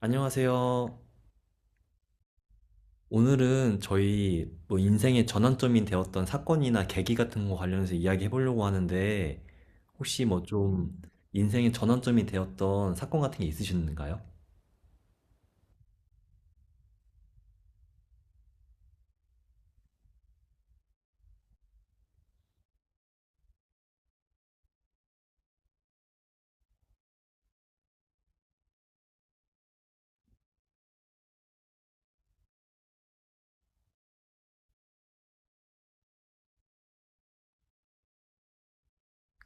안녕하세요. 오늘은 저희 뭐 인생의 전환점이 되었던 사건이나 계기 같은 거 관련해서 이야기해 보려고 하는데, 혹시 뭐 좀 인생의 전환점이 되었던 사건 같은 게 있으신가요?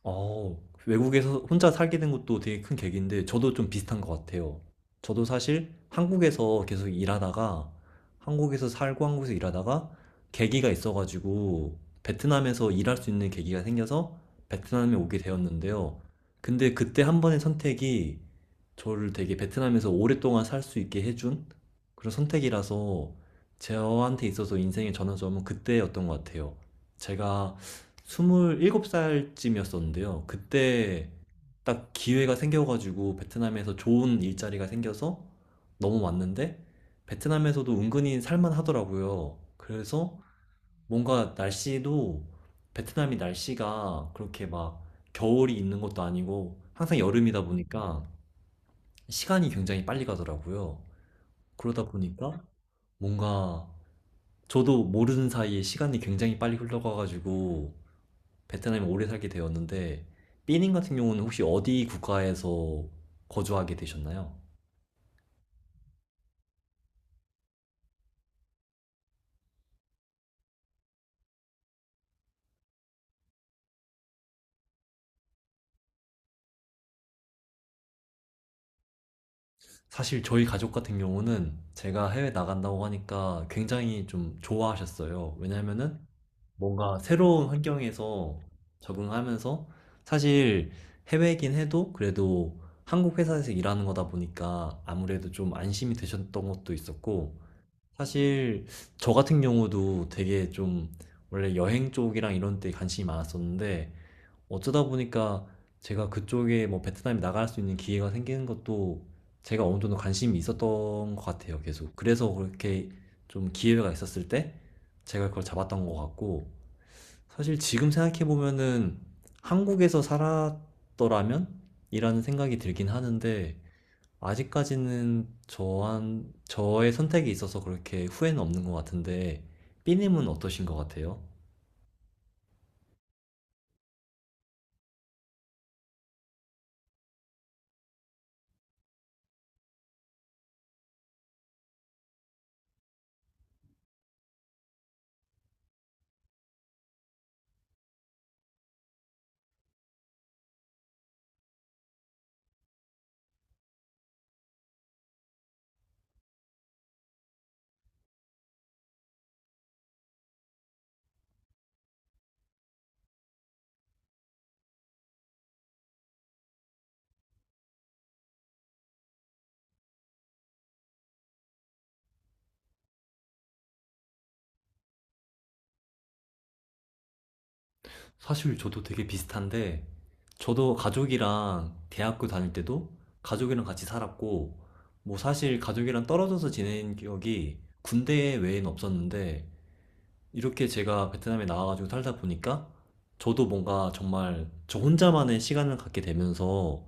어, 외국에서 혼자 살게 된 것도 되게 큰 계기인데, 저도 좀 비슷한 것 같아요. 저도 사실 한국에서 계속 일하다가, 한국에서 살고 한국에서 일하다가, 계기가 있어가지고, 베트남에서 일할 수 있는 계기가 생겨서 베트남에 오게 되었는데요. 근데 그때 한 번의 선택이 저를 되게 베트남에서 오랫동안 살 수 있게 해준 그런 선택이라서, 저한테 있어서 인생의 전환점은 그때였던 것 같아요. 제가 27살쯤이었었는데요. 그때 딱 기회가 생겨가지고 베트남에서 좋은 일자리가 생겨서 넘어왔는데, 베트남에서도 은근히 살만 하더라고요. 그래서 뭔가 날씨도, 베트남이 날씨가 그렇게 막 겨울이 있는 것도 아니고 항상 여름이다 보니까 시간이 굉장히 빨리 가더라고요. 그러다 보니까 뭔가 저도 모르는 사이에 시간이 굉장히 빨리 흘러가가지고 베트남에 오래 살게 되었는데, 삐님 같은 경우는 혹시 어디 국가에서 거주하게 되셨나요? 사실 저희 가족 같은 경우는 제가 해외 나간다고 하니까 굉장히 좀 좋아하셨어요. 왜냐면은 뭔가 새로운 환경에서 적응하면서, 사실 해외이긴 해도 그래도 한국 회사에서 일하는 거다 보니까 아무래도 좀 안심이 되셨던 것도 있었고, 사실 저 같은 경우도 되게 좀 원래 여행 쪽이랑 이런 데 관심이 많았었는데, 어쩌다 보니까 제가 그쪽에 뭐 베트남에 나갈 수 있는 기회가 생기는 것도 제가 어느 정도 관심이 있었던 것 같아요, 계속. 그래서 그렇게 좀 기회가 있었을 때 제가 그걸 잡았던 것 같고, 사실 지금 생각해보면은 한국에서 살았더라면? 이라는 생각이 들긴 하는데, 아직까지는 저의 선택에 있어서 그렇게 후회는 없는 것 같은데, 삐님은 어떠신 것 같아요? 사실 저도 되게 비슷한데, 저도 가족이랑 대학교 다닐 때도 가족이랑 같이 살았고, 뭐 사실 가족이랑 떨어져서 지낸 기억이 군대 외에는 없었는데, 이렇게 제가 베트남에 나와가지고 살다 보니까, 저도 뭔가 정말 저 혼자만의 시간을 갖게 되면서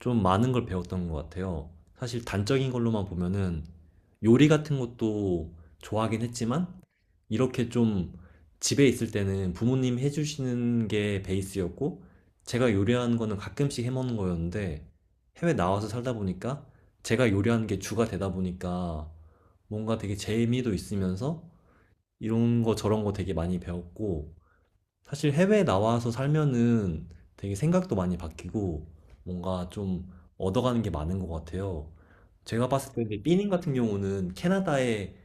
좀 많은 걸 배웠던 것 같아요. 사실 단적인 걸로만 보면은 요리 같은 것도 좋아하긴 했지만, 이렇게 좀 집에 있을 때는 부모님 해주시는 게 베이스였고, 제가 요리하는 거는 가끔씩 해먹는 거였는데, 해외 나와서 살다 보니까 제가 요리하는 게 주가 되다 보니까 뭔가 되게 재미도 있으면서 이런 거 저런 거 되게 많이 배웠고, 사실 해외 나와서 살면은 되게 생각도 많이 바뀌고, 뭔가 좀 얻어가는 게 많은 것 같아요. 제가 봤을 때 이제 삐닝 같은 경우는 캐나다에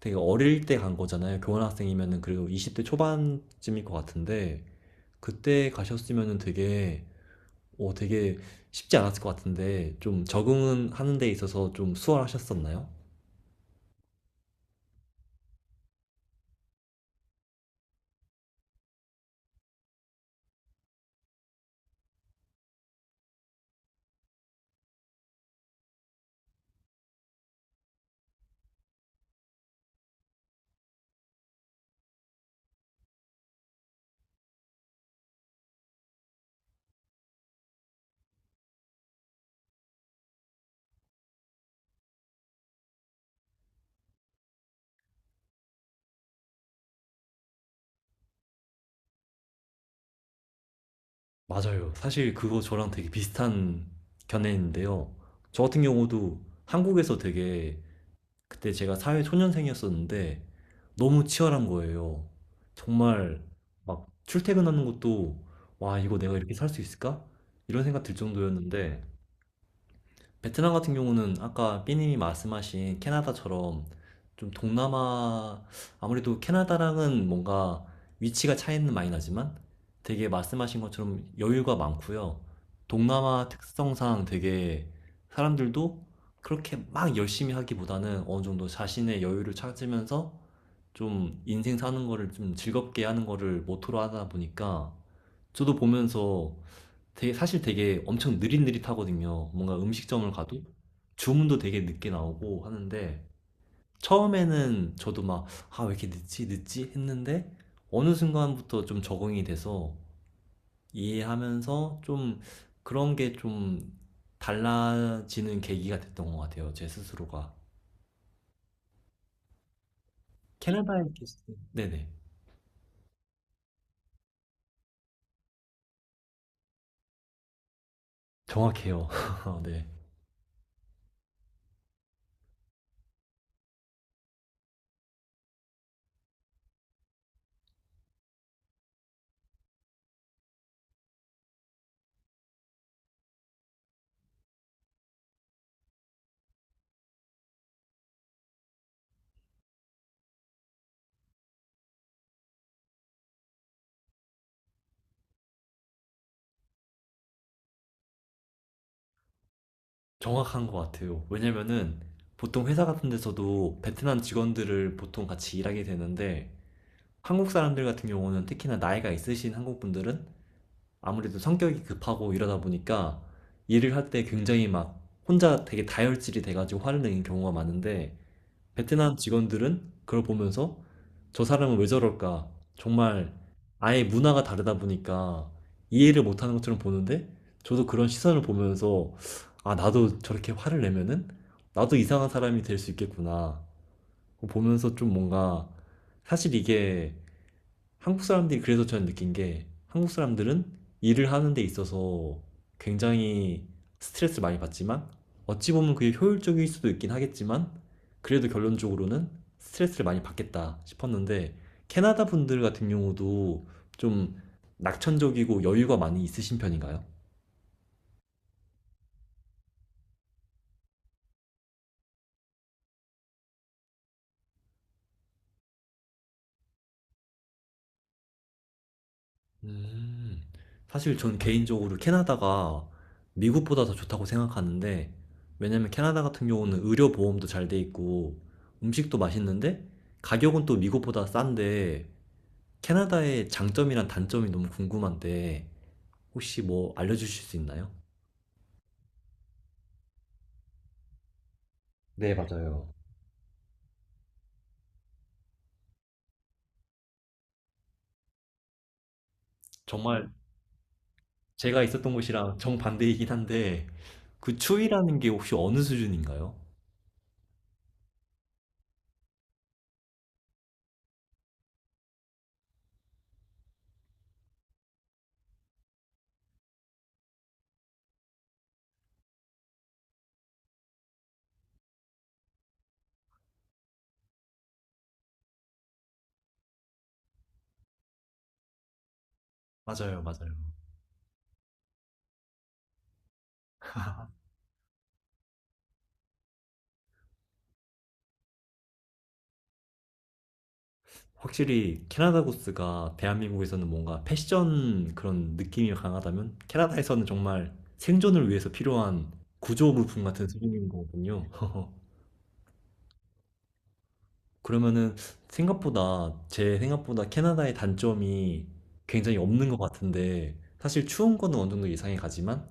되게 어릴 때 간 거잖아요. 교환학생이면은 그래도 20대 초반쯤일 것 같은데, 그때 가셨으면은 되게 되게 쉽지 않았을 것 같은데, 좀 적응은 하는 데 있어서 좀 수월하셨었나요? 맞아요. 사실 그거 저랑 되게 비슷한 견해인데요. 저 같은 경우도 한국에서 되게, 그때 제가 사회 초년생이었었는데 너무 치열한 거예요. 정말 막 출퇴근하는 것도 와, 이거 내가 이렇게 살 수 있을까? 이런 생각 들 정도였는데, 베트남 같은 경우는 아까 삐님이 말씀하신 캐나다처럼 좀 동남아, 아무래도 캐나다랑은 뭔가 위치가 차이는 많이 나지만 되게 말씀하신 것처럼 여유가 많고요. 동남아 특성상 되게 사람들도 그렇게 막 열심히 하기보다는 어느 정도 자신의 여유를 찾으면서 좀 인생 사는 거를 좀 즐겁게 하는 거를 모토로 하다 보니까 저도 보면서 되게, 사실 되게 엄청 느릿느릿하거든요. 뭔가 음식점을 가도 주문도 되게 늦게 나오고 하는데, 처음에는 저도 막, 아, 왜 이렇게 늦지, 늦지 했는데 어느 순간부터 좀 적응이 돼서 이해하면서 좀, 그런 게 좀 달라지는 계기가 됐던 것 같아요. 제 스스로가. 캐나다에 계실 때? 네네. 정확해요. 네. 정확한 것 같아요. 왜냐면은 보통 회사 같은 데서도 베트남 직원들을 보통 같이 일하게 되는데, 한국 사람들 같은 경우는 특히나 나이가 있으신 한국 분들은 아무래도 성격이 급하고 이러다 보니까 일을 할 때 굉장히 막 혼자 되게 다혈질이 돼가지고 화를 내는 경우가 많은데, 베트남 직원들은 그걸 보면서 저 사람은 왜 저럴까? 정말 아예 문화가 다르다 보니까 이해를 못하는 것처럼 보는데, 저도 그런 시선을 보면서 아, 나도 저렇게 화를 내면은 나도 이상한 사람이 될 수 있겠구나. 보면서 좀 뭔가, 사실 이게 한국 사람들이, 그래서 저는 느낀 게 한국 사람들은 일을 하는 데 있어서 굉장히 스트레스를 많이 받지만 어찌 보면 그게 효율적일 수도 있긴 하겠지만 그래도 결론적으로는 스트레스를 많이 받겠다 싶었는데, 캐나다 분들 같은 경우도 좀 낙천적이고 여유가 많이 있으신 편인가요? 음, 사실 전 개인적으로 캐나다가 미국보다 더 좋다고 생각하는데, 왜냐면 캐나다 같은 경우는 의료 보험도 잘 돼 있고, 음식도 맛있는데, 가격은 또 미국보다 싼데, 캐나다의 장점이랑 단점이 너무 궁금한데, 혹시 뭐 알려주실 수 있나요? 네, 맞아요. 정말 제가 있었던 곳이랑 정반대이긴 한데, 그 추위라는 게 혹시 어느 수준인가요? 맞아요, 맞아요. 확실히 캐나다 구스가 대한민국에서는 뭔가 패션 그런 느낌이 강하다면 캐나다에서는 정말 생존을 위해서 필요한 구조 물품 같은 수준인 거거든요. 그러면은 생각보다, 제 생각보다 캐나다의 단점이 굉장히 없는 것 같은데, 사실 추운 거는 어느 정도 예상이 가지만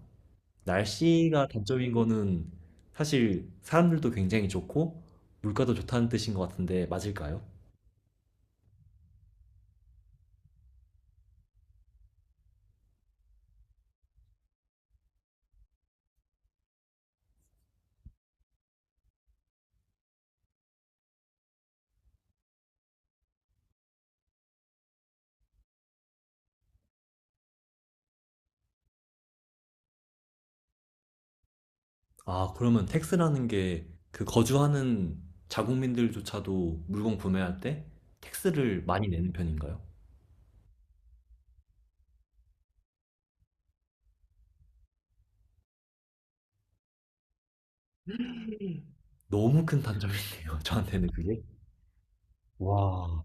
날씨가 단점인 거는, 사실 사람들도 굉장히 좋고 물가도 좋다는 뜻인 것 같은데 맞을까요? 아, 그러면 택스라는 게 그 거주하는 자국민들조차도 물건 구매할 때 택스를 많이 내는 편인가요? 너무 큰 단점이네요, 저한테는 그게. 와,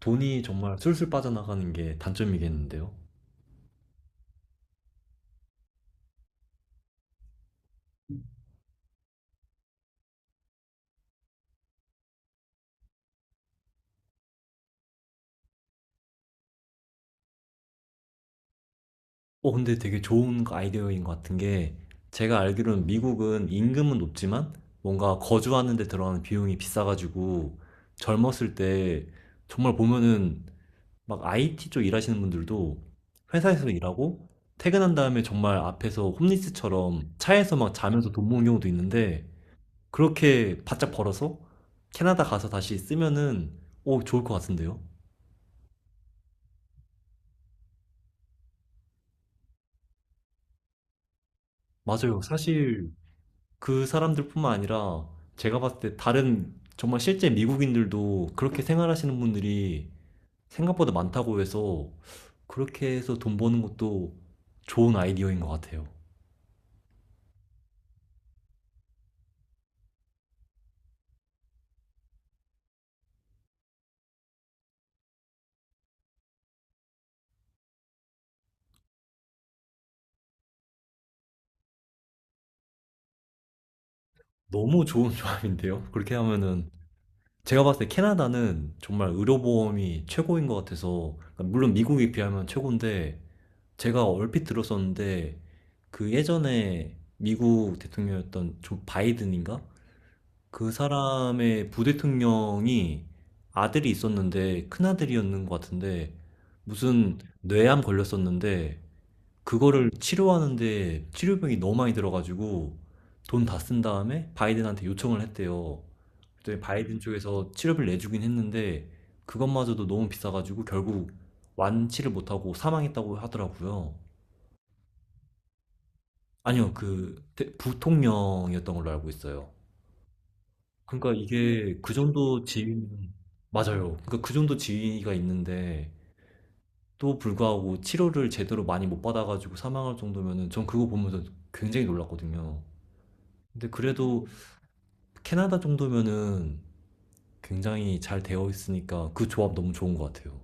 돈이 정말 술술 빠져나가는 게 단점이겠는데요. 근데 되게 좋은 아이디어인 것 같은 게, 제가 알기로는 미국은 임금은 높지만 뭔가 거주하는 데 들어가는 비용이 비싸가지고 젊었을 때 정말 보면은 막 IT 쪽 일하시는 분들도 회사에서 일하고 퇴근한 다음에 정말 앞에서 홈리스처럼 차에서 막 자면서 돈 모은 경우도 있는데, 그렇게 바짝 벌어서 캐나다 가서 다시 쓰면은 오, 좋을 것 같은데요? 맞아요. 사실 그 사람들뿐만 아니라 제가 봤을 때 다른 정말 실제 미국인들도 그렇게 생활하시는 분들이 생각보다 많다고 해서 그렇게 해서 돈 버는 것도 좋은 아이디어인 것 같아요. 너무 좋은 조합인데요? 그렇게 하면은 제가 봤을 때 캐나다는 정말 의료보험이 최고인 것 같아서, 그러니까 물론 미국에 비하면 최고인데, 제가 얼핏 들었었는데, 그 예전에 미국 대통령이었던 조 바이든인가? 그 사람의 부대통령이 아들이 있었는데, 큰아들이었는 것 같은데, 무슨 뇌암 걸렸었는데, 그거를 치료하는데 치료비용이 너무 많이 들어가지고, 돈 다 쓴 다음에 바이든한테 요청을 했대요. 그때 바이든 쪽에서 치료비를 내주긴 했는데 그것마저도 너무 비싸가지고 결국 완치를 못하고 사망했다고 하더라고요. 아니요, 부통령이었던 걸로 알고 있어요. 그러니까 이게 그 정도 지위는, 맞아요. 그러니까 그 정도 지위가 있는데 또 불구하고 치료를 제대로 많이 못 받아가지고 사망할 정도면은 전 그거 보면서 굉장히 놀랐거든요. 근데 그래도 캐나다 정도면은 굉장히 잘 되어 있으니까 그 조합 너무 좋은 것 같아요.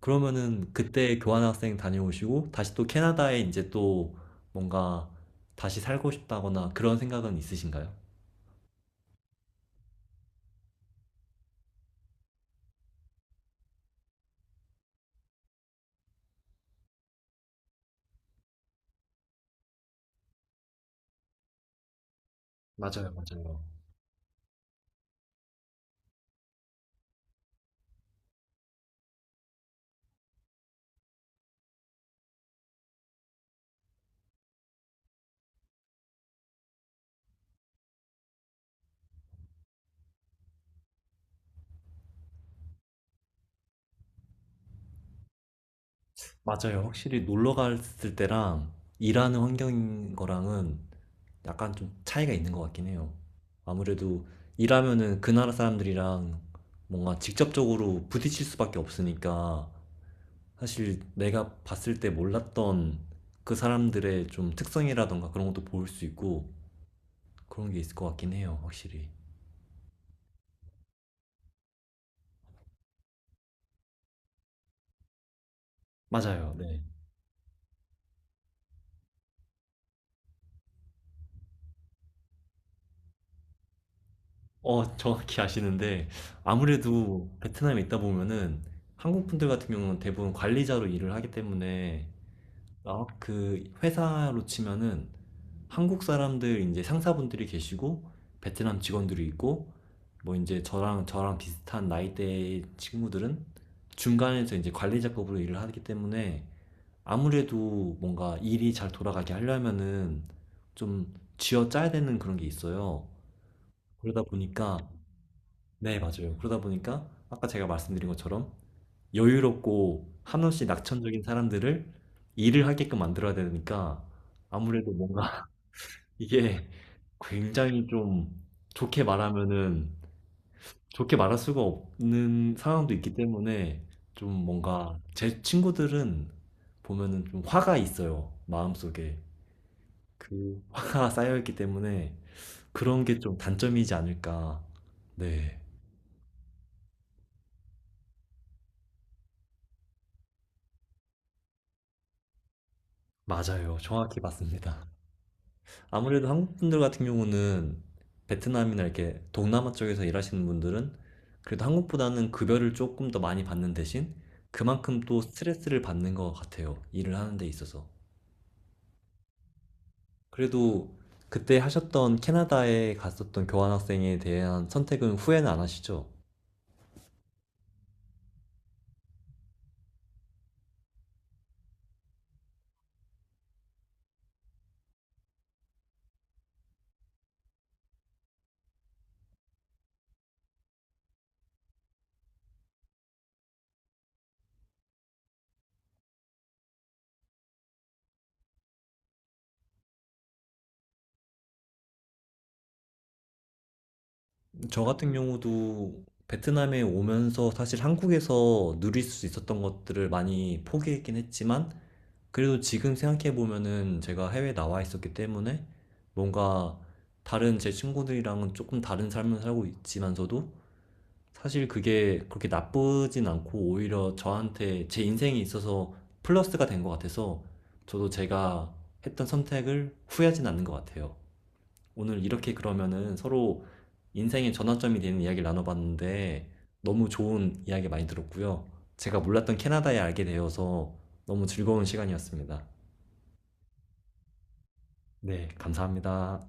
그러면은 그때 교환학생 다녀오시고 다시 또 캐나다에 이제 또 뭔가 다시 살고 싶다거나 그런 생각은 있으신가요? 맞아요, 맞아요. 맞아요. 확실히 놀러 갔을 때랑 일하는 환경인 거랑은 약간 좀 차이가 있는 것 같긴 해요. 아무래도 일하면은 그 나라 사람들이랑 뭔가 직접적으로 부딪힐 수밖에 없으니까 사실 내가 봤을 때 몰랐던 그 사람들의 좀 특성이라던가 그런 것도 볼 수 있고 그런 게 있을 것 같긴 해요, 확실히. 맞아요. 네. 정확히 아시는데, 아무래도 베트남에 있다 보면은 한국 분들 같은 경우는 대부분 관리자로 일을 하기 때문에, 아, 그 회사로 치면은 한국 사람들 이제 상사분들이 계시고 베트남 직원들이 있고 뭐 이제 저랑, 저랑 비슷한 나이대의 친구들은 중간에서 이제 관리자급으로 일을 하기 때문에 아무래도 뭔가 일이 잘 돌아가게 하려면은 좀 쥐어짜야 되는 그런 게 있어요. 그러다 보니까, 네, 맞아요. 그러다 보니까 아까 제가 말씀드린 것처럼 여유롭고 한없이 낙천적인 사람들을 일을 하게끔 만들어야 되니까 아무래도 뭔가 이게 굉장히 좀, 좋게 말하면은 좋게 말할 수가 없는 상황도 있기 때문에, 좀 뭔가 제 친구들은 보면은 좀 화가 있어요. 마음속에. 그 화가 쌓여 있기 때문에 그런 게 좀 단점이지 않을까. 네, 맞아요. 정확히 맞습니다. 아무래도 한국 분들 같은 경우는 베트남이나 이렇게 동남아 쪽에서 일하시는 분들은 그래도 한국보다는 급여를 조금 더 많이 받는 대신 그만큼 또 스트레스를 받는 것 같아요. 일을 하는 데 있어서. 그래도 그때 하셨던 캐나다에 갔었던 교환학생에 대한 선택은 후회는 안 하시죠? 저 같은 경우도 베트남에 오면서 사실 한국에서 누릴 수 있었던 것들을 많이 포기했긴 했지만, 그래도 지금 생각해보면은 제가 해외에 나와 있었기 때문에 뭔가 다른 제 친구들이랑은 조금 다른 삶을 살고 있지만서도 사실 그게 그렇게 나쁘진 않고 오히려 저한테 제 인생에 있어서 플러스가 된 것 같아서 저도 제가 했던 선택을 후회하진 않는 것 같아요. 오늘 이렇게 그러면은 서로 인생의 전환점이 되는 이야기를 나눠봤는데 너무 좋은 이야기 많이 들었고요. 제가 몰랐던 캐나다에 알게 되어서 너무 즐거운 시간이었습니다. 네, 감사합니다.